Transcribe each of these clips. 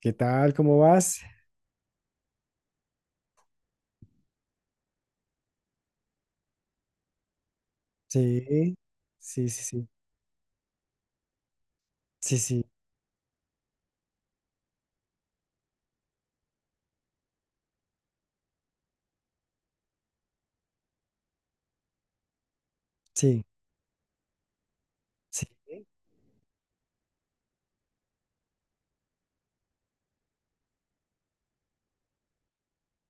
¿Qué tal? ¿Cómo vas? Sí, sí, sí, sí, sí, sí, sí, sí.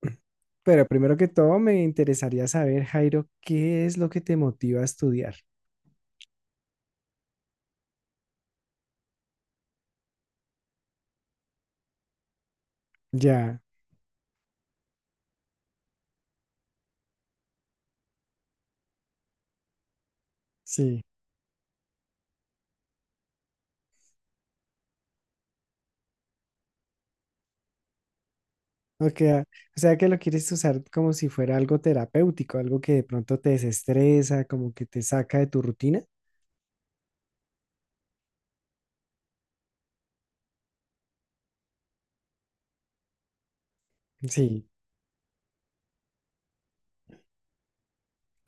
Pero primero que todo, me interesaría saber, Jairo, ¿qué es lo que te motiva a estudiar? Ya, sí. Ok, o sea que lo quieres usar como si fuera algo terapéutico, algo que de pronto te desestresa, como que te saca de tu rutina. Sí.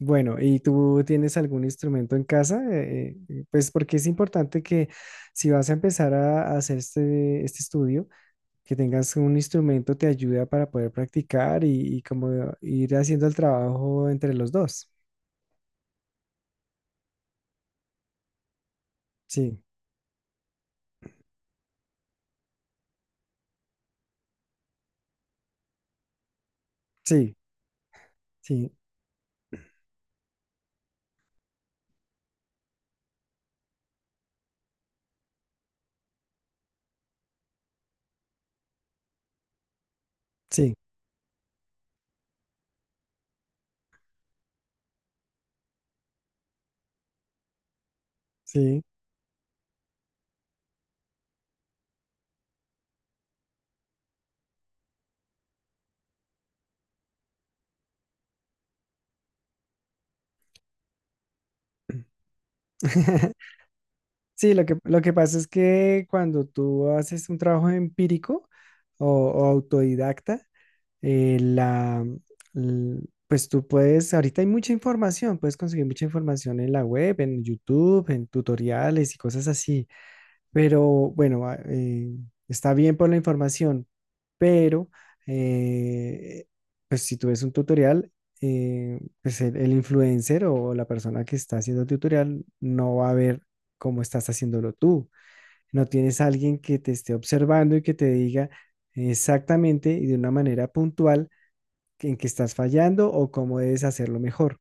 Bueno, ¿y tú tienes algún instrumento en casa? Pues porque es importante que si vas a empezar a hacer este estudio, que tengas un instrumento te ayuda para poder practicar y como ir haciendo el trabajo entre los dos. Sí, sí, sí, sí, sí. Sí, lo que pasa es que cuando tú haces un trabajo empírico o autodidacta, eh, la, l- pues tú puedes, ahorita hay mucha información, puedes conseguir mucha información en la web, en YouTube, en tutoriales y cosas así. Pero bueno, está bien por la información, pero eh, pues si tú ves un tutorial, pues el influencer o la persona que está haciendo el tutorial no va a ver cómo estás haciéndolo tú. No tienes a alguien que te esté observando y que te diga exactamente y de una manera puntual en qué estás fallando o cómo debes hacerlo mejor.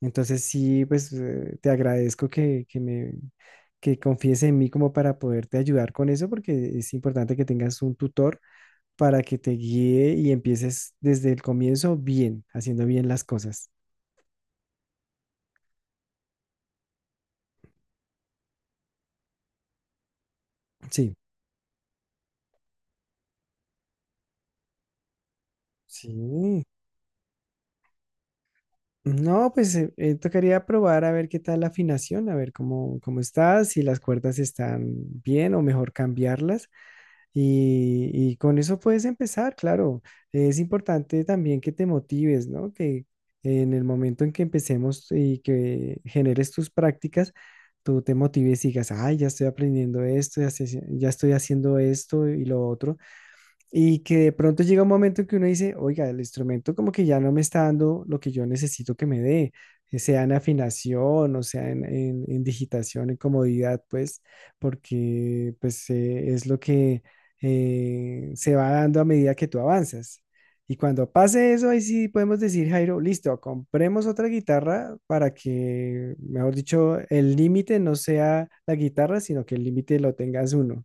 Entonces sí, pues te agradezco que confíes en mí como para poderte ayudar con eso, porque es importante que tengas un tutor para que te guíe y empieces desde el comienzo bien, haciendo bien las cosas. Sí, sí. No, pues tocaría probar a ver qué tal la afinación, a ver cómo estás, si las cuerdas están bien o mejor cambiarlas. Y con eso puedes empezar, claro. Es importante también que te motives, ¿no? Que en el momento en que empecemos y que generes tus prácticas, tú te motives y digas, ay, ya estoy aprendiendo esto, ya, ya estoy haciendo esto y lo otro. Y que de pronto llega un momento en que uno dice, oiga, el instrumento como que ya no me está dando lo que yo necesito que me dé, que sea en afinación o sea en digitación, en comodidad, pues, porque pues es lo que se va dando a medida que tú avanzas. Y cuando pase eso, ahí sí podemos decir, Jairo, listo, compremos otra guitarra para que, mejor dicho, el límite no sea la guitarra, sino que el límite lo tengas uno.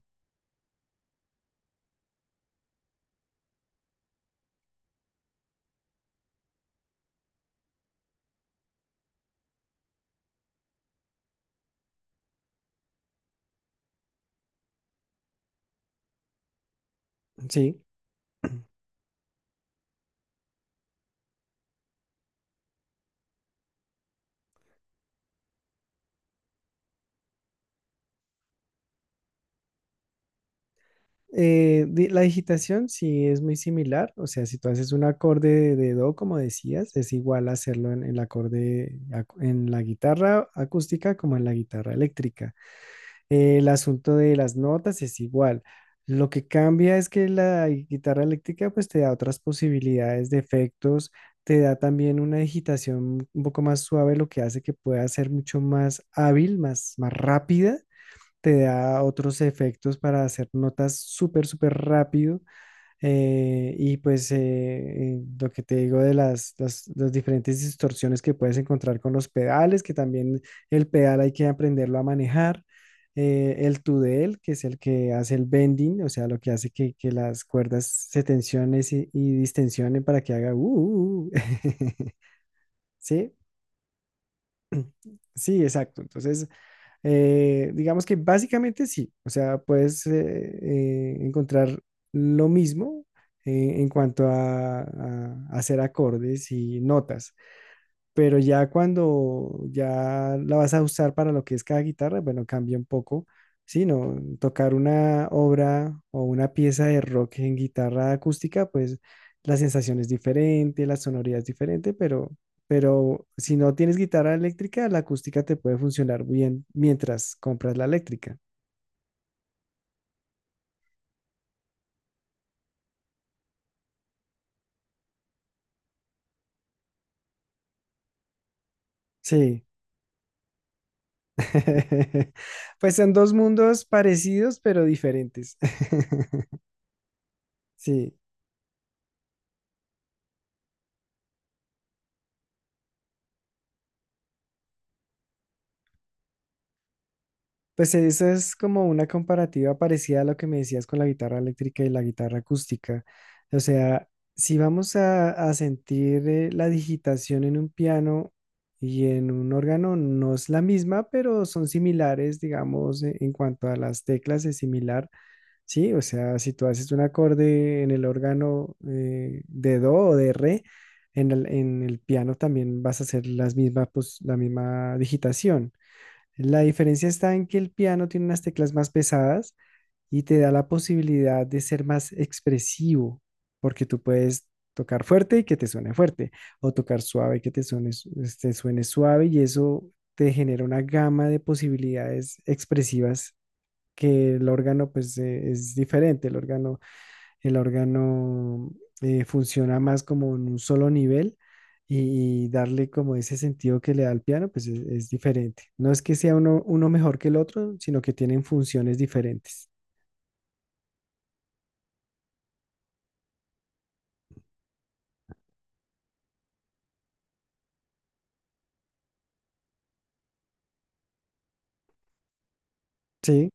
Sí. La digitación sí es muy similar, o sea, si tú haces un acorde de do, como decías, es igual hacerlo en en la guitarra acústica como en la guitarra eléctrica. El asunto de las notas es igual. Lo que cambia es que la guitarra eléctrica pues te da otras posibilidades de efectos, te da también una digitación un poco más suave, lo que hace que pueda ser mucho más hábil, más rápida, te da otros efectos para hacer notas súper rápido. eh, y pues eh, lo que te digo de las diferentes distorsiones que puedes encontrar con los pedales, que también el pedal hay que aprenderlo a manejar. El tudel, que es el que hace el bending, o sea, lo que hace que las cuerdas se tensionen y distensionen para que haga uh. ¿Sí? Sí, exacto. Entonces, digamos que básicamente sí, o sea, puedes encontrar lo mismo en cuanto a hacer acordes y notas, pero ya cuando ya la vas a usar para lo que es cada guitarra, bueno, cambia un poco. Sí, no, tocar una obra o una pieza de rock en guitarra acústica, pues la sensación es diferente, la sonoridad es diferente, pero si no tienes guitarra eléctrica, la acústica te puede funcionar bien mientras compras la eléctrica. Sí, pues son dos mundos parecidos pero diferentes. Sí. Pues eso es como una comparativa parecida a lo que me decías con la guitarra eléctrica y la guitarra acústica. O sea, si vamos a sentir la digitación en un piano y en un órgano, no es la misma, pero son similares, digamos, en cuanto a las teclas es similar, ¿sí? O sea, si tú haces un acorde en el órgano de do o de re, en en el piano también vas a hacer las mismas, pues, la misma digitación. La diferencia está en que el piano tiene unas teclas más pesadas y te da la posibilidad de ser más expresivo, porque tú puedes tocar fuerte y que te suene fuerte, o tocar suave y que te suene, te suene suave, y eso te genera una gama de posibilidades expresivas que el órgano pues es diferente. El órgano funciona más como en un solo nivel y darle como ese sentido que le da al piano, pues es diferente. No es que sea uno, uno mejor que el otro, sino que tienen funciones diferentes. Sí.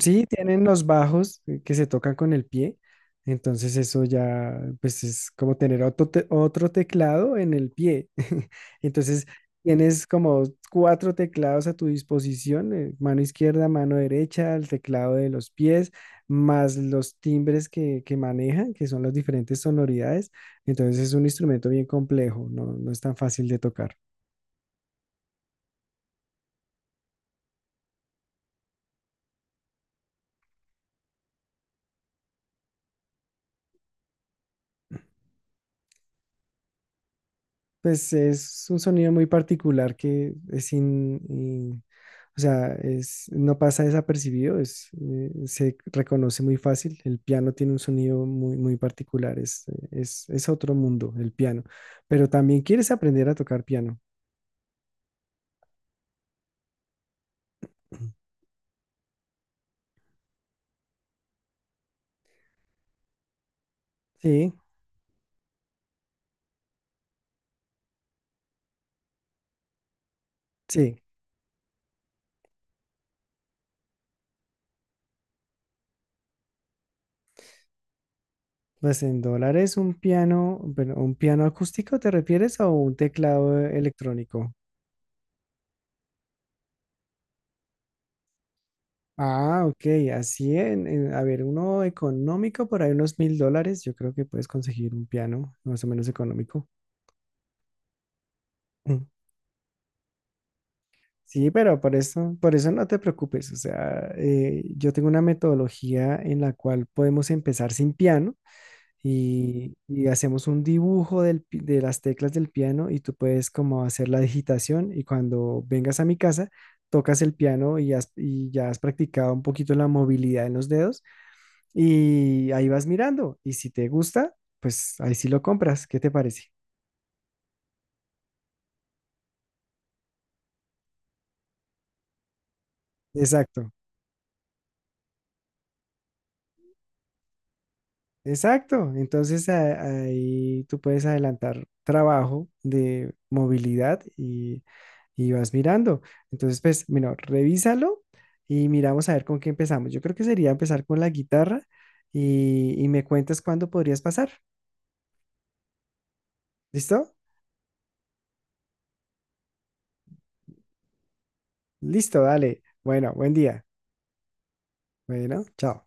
Sí, tienen los bajos que se tocan con el pie. Entonces eso ya, pues es como tener otro teclado en el pie. Entonces tienes como cuatro teclados a tu disposición, mano izquierda, mano derecha, el teclado de los pies, más los timbres que manejan, que son las diferentes sonoridades. Entonces es un instrumento bien complejo, no, no es tan fácil de tocar. Pues es un sonido muy particular que es. O sea, es, no pasa desapercibido, es, se reconoce muy fácil. El piano tiene un sonido muy, muy particular, es otro mundo, el piano. Pero también quieres aprender a tocar piano. Sí, sí. Pues en dólares un piano, bueno, ¿un piano acústico te refieres o un teclado electrónico? Ah, ok, así a ver, uno económico por ahí unos $1000, yo creo que puedes conseguir un piano más o menos económico. Sí, pero por eso no te preocupes. O sea, yo tengo una metodología en la cual podemos empezar sin piano y hacemos un dibujo de las teclas del piano y tú puedes como hacer la digitación y cuando vengas a mi casa tocas el piano y ya has practicado un poquito la movilidad en los dedos y ahí vas mirando y si te gusta, pues ahí sí lo compras. ¿Qué te parece? Exacto. Exacto, entonces ahí tú puedes adelantar trabajo de movilidad y vas mirando. Entonces, pues, mira, revísalo y miramos a ver con qué empezamos. Yo creo que sería empezar con la guitarra y me cuentas cuándo podrías pasar. ¿Listo? Listo, dale. Bueno, buen día. Bueno, chao.